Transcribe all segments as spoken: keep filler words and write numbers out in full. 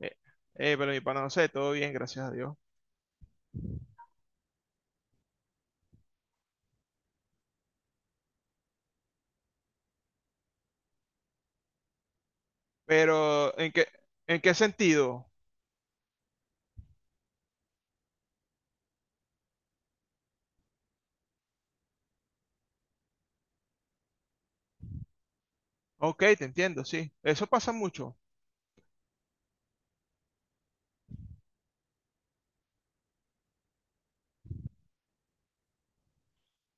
Eh, eh, pero mi pana, no sé, todo bien, gracias a Dios. Pero, ¿en qué, en qué sentido? Ok, te entiendo, sí. Eso pasa mucho.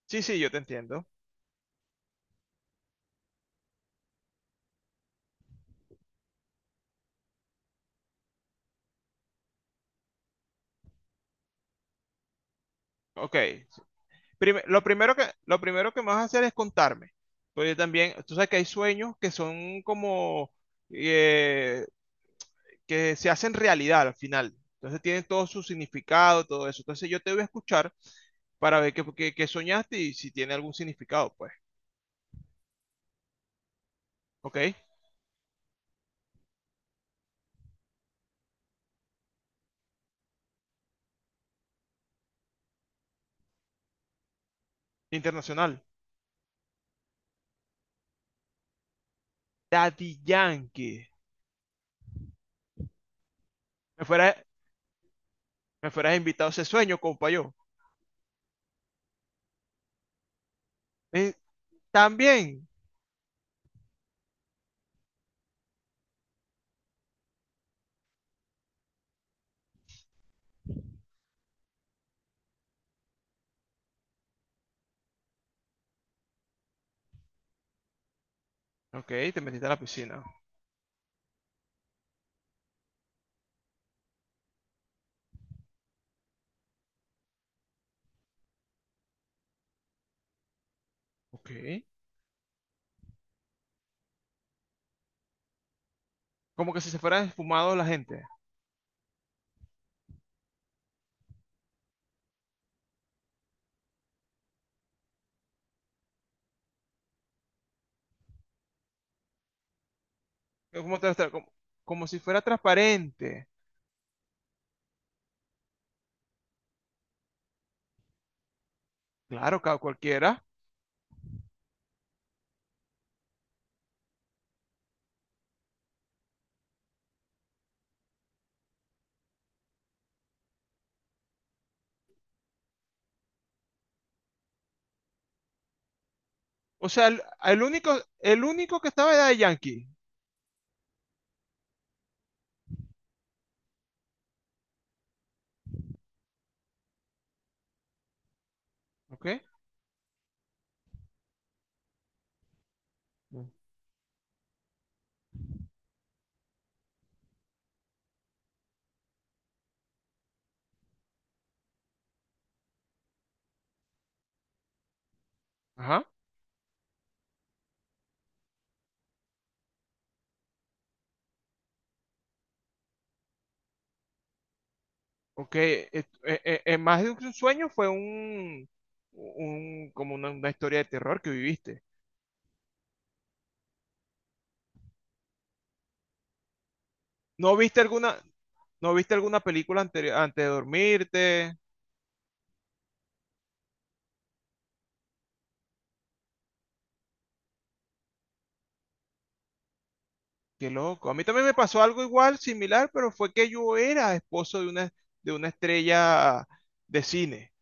Sí, sí, yo te entiendo. Ok, sí. Prime- lo primero que, lo primero que me vas a hacer es contarme. Porque también, tú sabes que hay sueños que son como, eh, que se hacen realidad al final. Entonces tienen todo su significado, todo eso. Entonces yo te voy a escuchar para ver qué, qué- qué soñaste y si tiene algún significado, pues. Ok. Internacional. Daddy Yankee. Me fueras, me fueras invitado a ese sueño, compa, yo. "Eh, también. Ok, te metiste a la piscina. Ok. Como que si se fuera esfumado la gente. Eh, Como, te- te- como- Como si fuera transparente. Claro, ca- cualquiera. O sea, el, el único, el único que estaba era de Yankee. Ok. Mm. Ajá. Ok. eh, eh, eh, eh, Más de un sueño fue un, un como una, una historia de terror que viviste. ¿No viste alguna, ¿no viste alguna película ante, antes de dormirte? Qué loco. A mí también me pasó algo igual, similar, pero fue que yo era esposo de una, de una estrella de cine.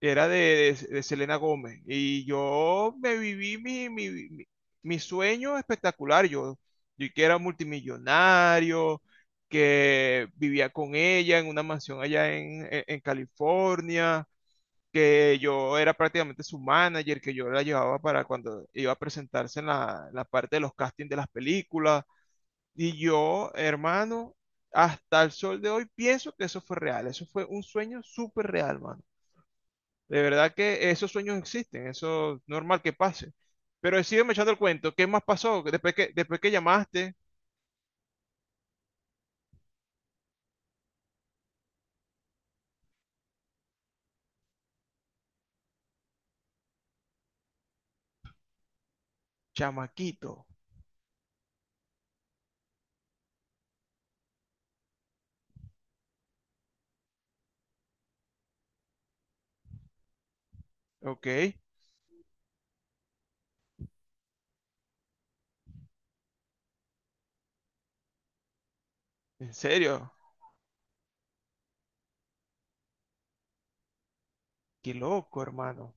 Era de, de- de Selena Gómez. Y yo me viví mi, mi, mi- mi sueño espectacular. Yo, yo que era multimillonario, que vivía con ella en una mansión allá en, en en California, que yo era prácticamente su manager, que yo la llevaba para cuando iba a presentarse en la, en la parte de los castings de las películas y yo, hermano, hasta el sol de hoy pienso que eso fue real. Eso fue un sueño súper real, mano. De verdad que esos sueños existen. Eso es normal que pase. Pero sígueme echando el cuento. ¿Qué más pasó? Después que, después que llamaste, chamaquito. ¿Ok? ¿En serio? Qué loco, hermano.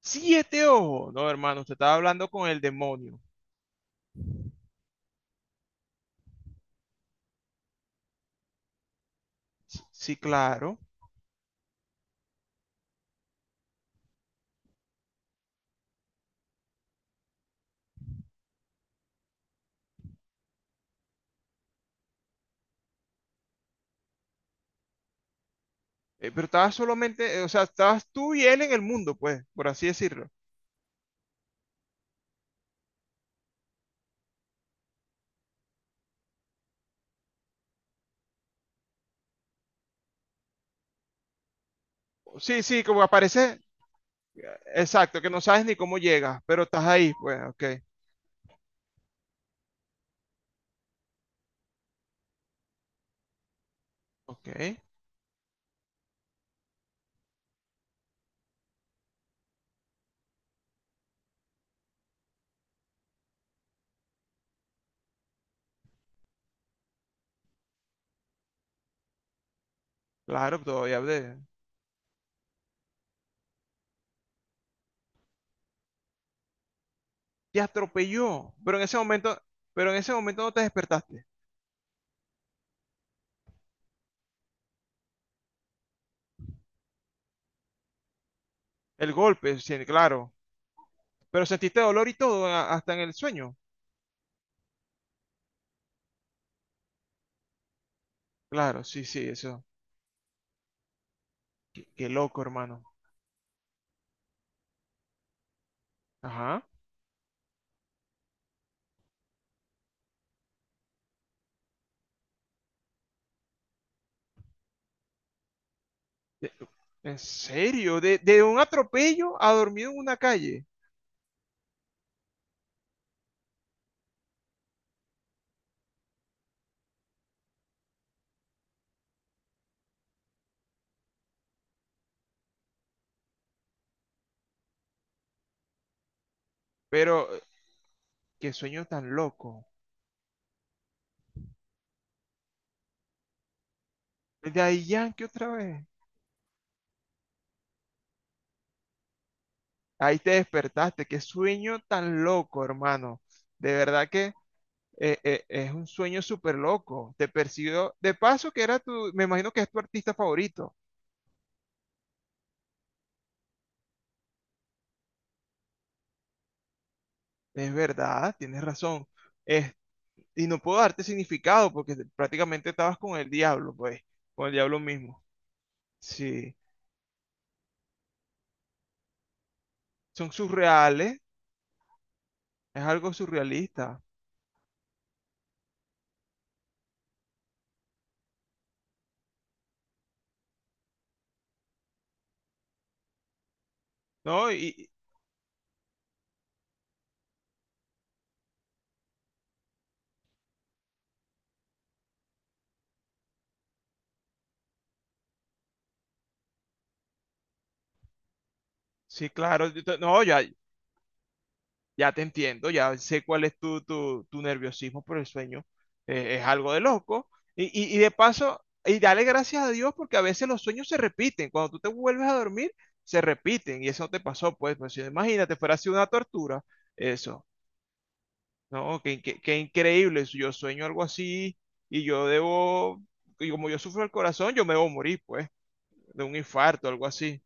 Siete ojos. No, hermano, usted estaba hablando con el demonio. S- Sí, claro. Eh, pero estabas solamente, eh, o sea, estabas tú y él en el mundo, pues, por así decirlo. Sí, sí, como aparece. Exacto, que no sabes ni cómo llegas, pero estás ahí, pues, ok. Ok, claro, todavía hablé. Te atropelló, pero en ese momento, pero en ese momento no te despertaste. El golpe, sí, claro. Pero sentiste dolor y todo, a- hasta en el sueño. Claro, sí, sí, eso. Qué, qué loco, hermano. Ajá. De- ¿En serio? De, de un atropello a dormido en una calle. Pero, qué sueño tan loco. De ahí Yankee otra vez. Ahí te despertaste. Qué sueño tan loco, hermano. De verdad que. eh, eh, es un sueño súper loco. Te persiguió. De paso, que era tu. Me imagino que es tu artista favorito. Es verdad, tienes razón. Es- y no puedo darte significado porque prácticamente estabas con el diablo, pues. Con el diablo mismo. Sí. Son surreales. Es algo surrealista. ¿No? Y. y- Sí, claro. yo te- No, ya. Ya te entiendo, ya sé cuál es tu, tu, tu nerviosismo por el sueño. eh, es algo de loco. Y, y, y de paso, y dale gracias a Dios porque a veces los sueños se repiten. Cuando tú te vuelves a dormir, se repiten. Y eso no te pasó, pues, pues si no, imagínate, fuera así una tortura. Eso, ¿no? Qué, qué, qué increíble. Si yo sueño algo así y yo debo, y como yo sufro el corazón, yo me debo morir, pues, de un infarto, algo así.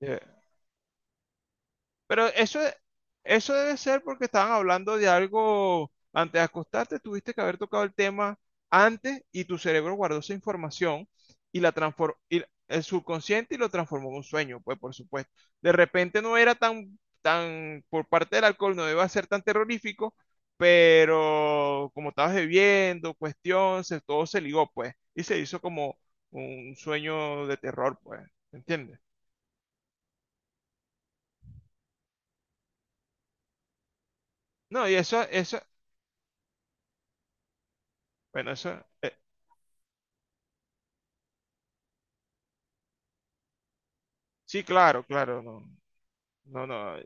eh, Pero eso, eso debe ser porque estaban hablando de algo antes de acostarte, tuviste que haber tocado el tema antes y tu cerebro guardó esa información y la transformó, el subconsciente y lo transformó en un sueño, pues por supuesto. De repente no era tan, tan, por parte del alcohol no iba a ser tan terrorífico, pero como estabas bebiendo, cuestión, se- todo se ligó, pues, y se hizo como un sueño de terror, pues, ¿entiendes? No, y eso, eso, bueno, eso. eh, Sí, claro, claro, no, no, no.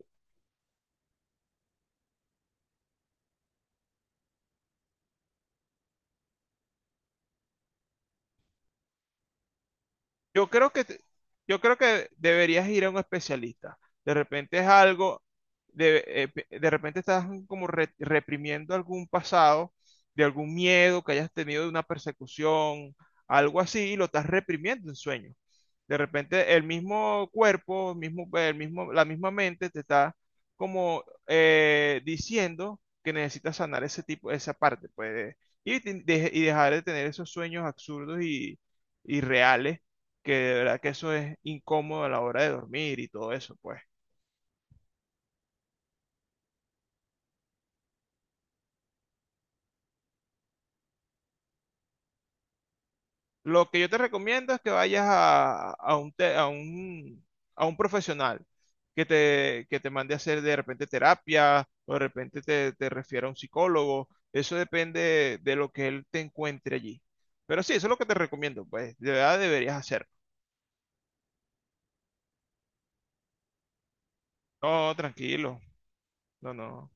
Yo creo que, te- yo creo que deberías ir a un especialista. De repente es algo, de, eh, pe- de repente estás como re- reprimiendo algún pasado, de algún miedo que hayas tenido de una persecución, algo así, y lo estás reprimiendo en sueños. De repente el mismo cuerpo, mismo, el mismo, la misma mente te está como eh, diciendo que necesitas sanar ese tipo, esa parte, pues, y, te- de- y dejar de tener esos sueños absurdos y, y reales que de verdad que eso es incómodo a la hora de dormir y todo eso, pues. Lo que yo te recomiendo es que vayas a, a un, te- a un, a un profesional que te, que te mande a hacer de repente terapia o de repente te, te refiera a un psicólogo. Eso depende de lo que él te encuentre allí. Pero sí, eso es lo que te recomiendo, pues. De verdad deberías hacerlo. No, tranquilo. No, no.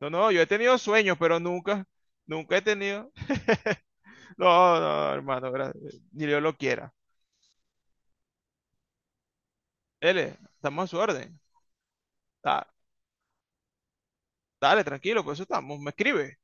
No, no, yo he tenido sueños, pero nunca, nunca he tenido. No, no, hermano, gra- ni Dios lo quiera. L, estamos a su orden. Da- dale, tranquilo, por eso estamos. Me escribe.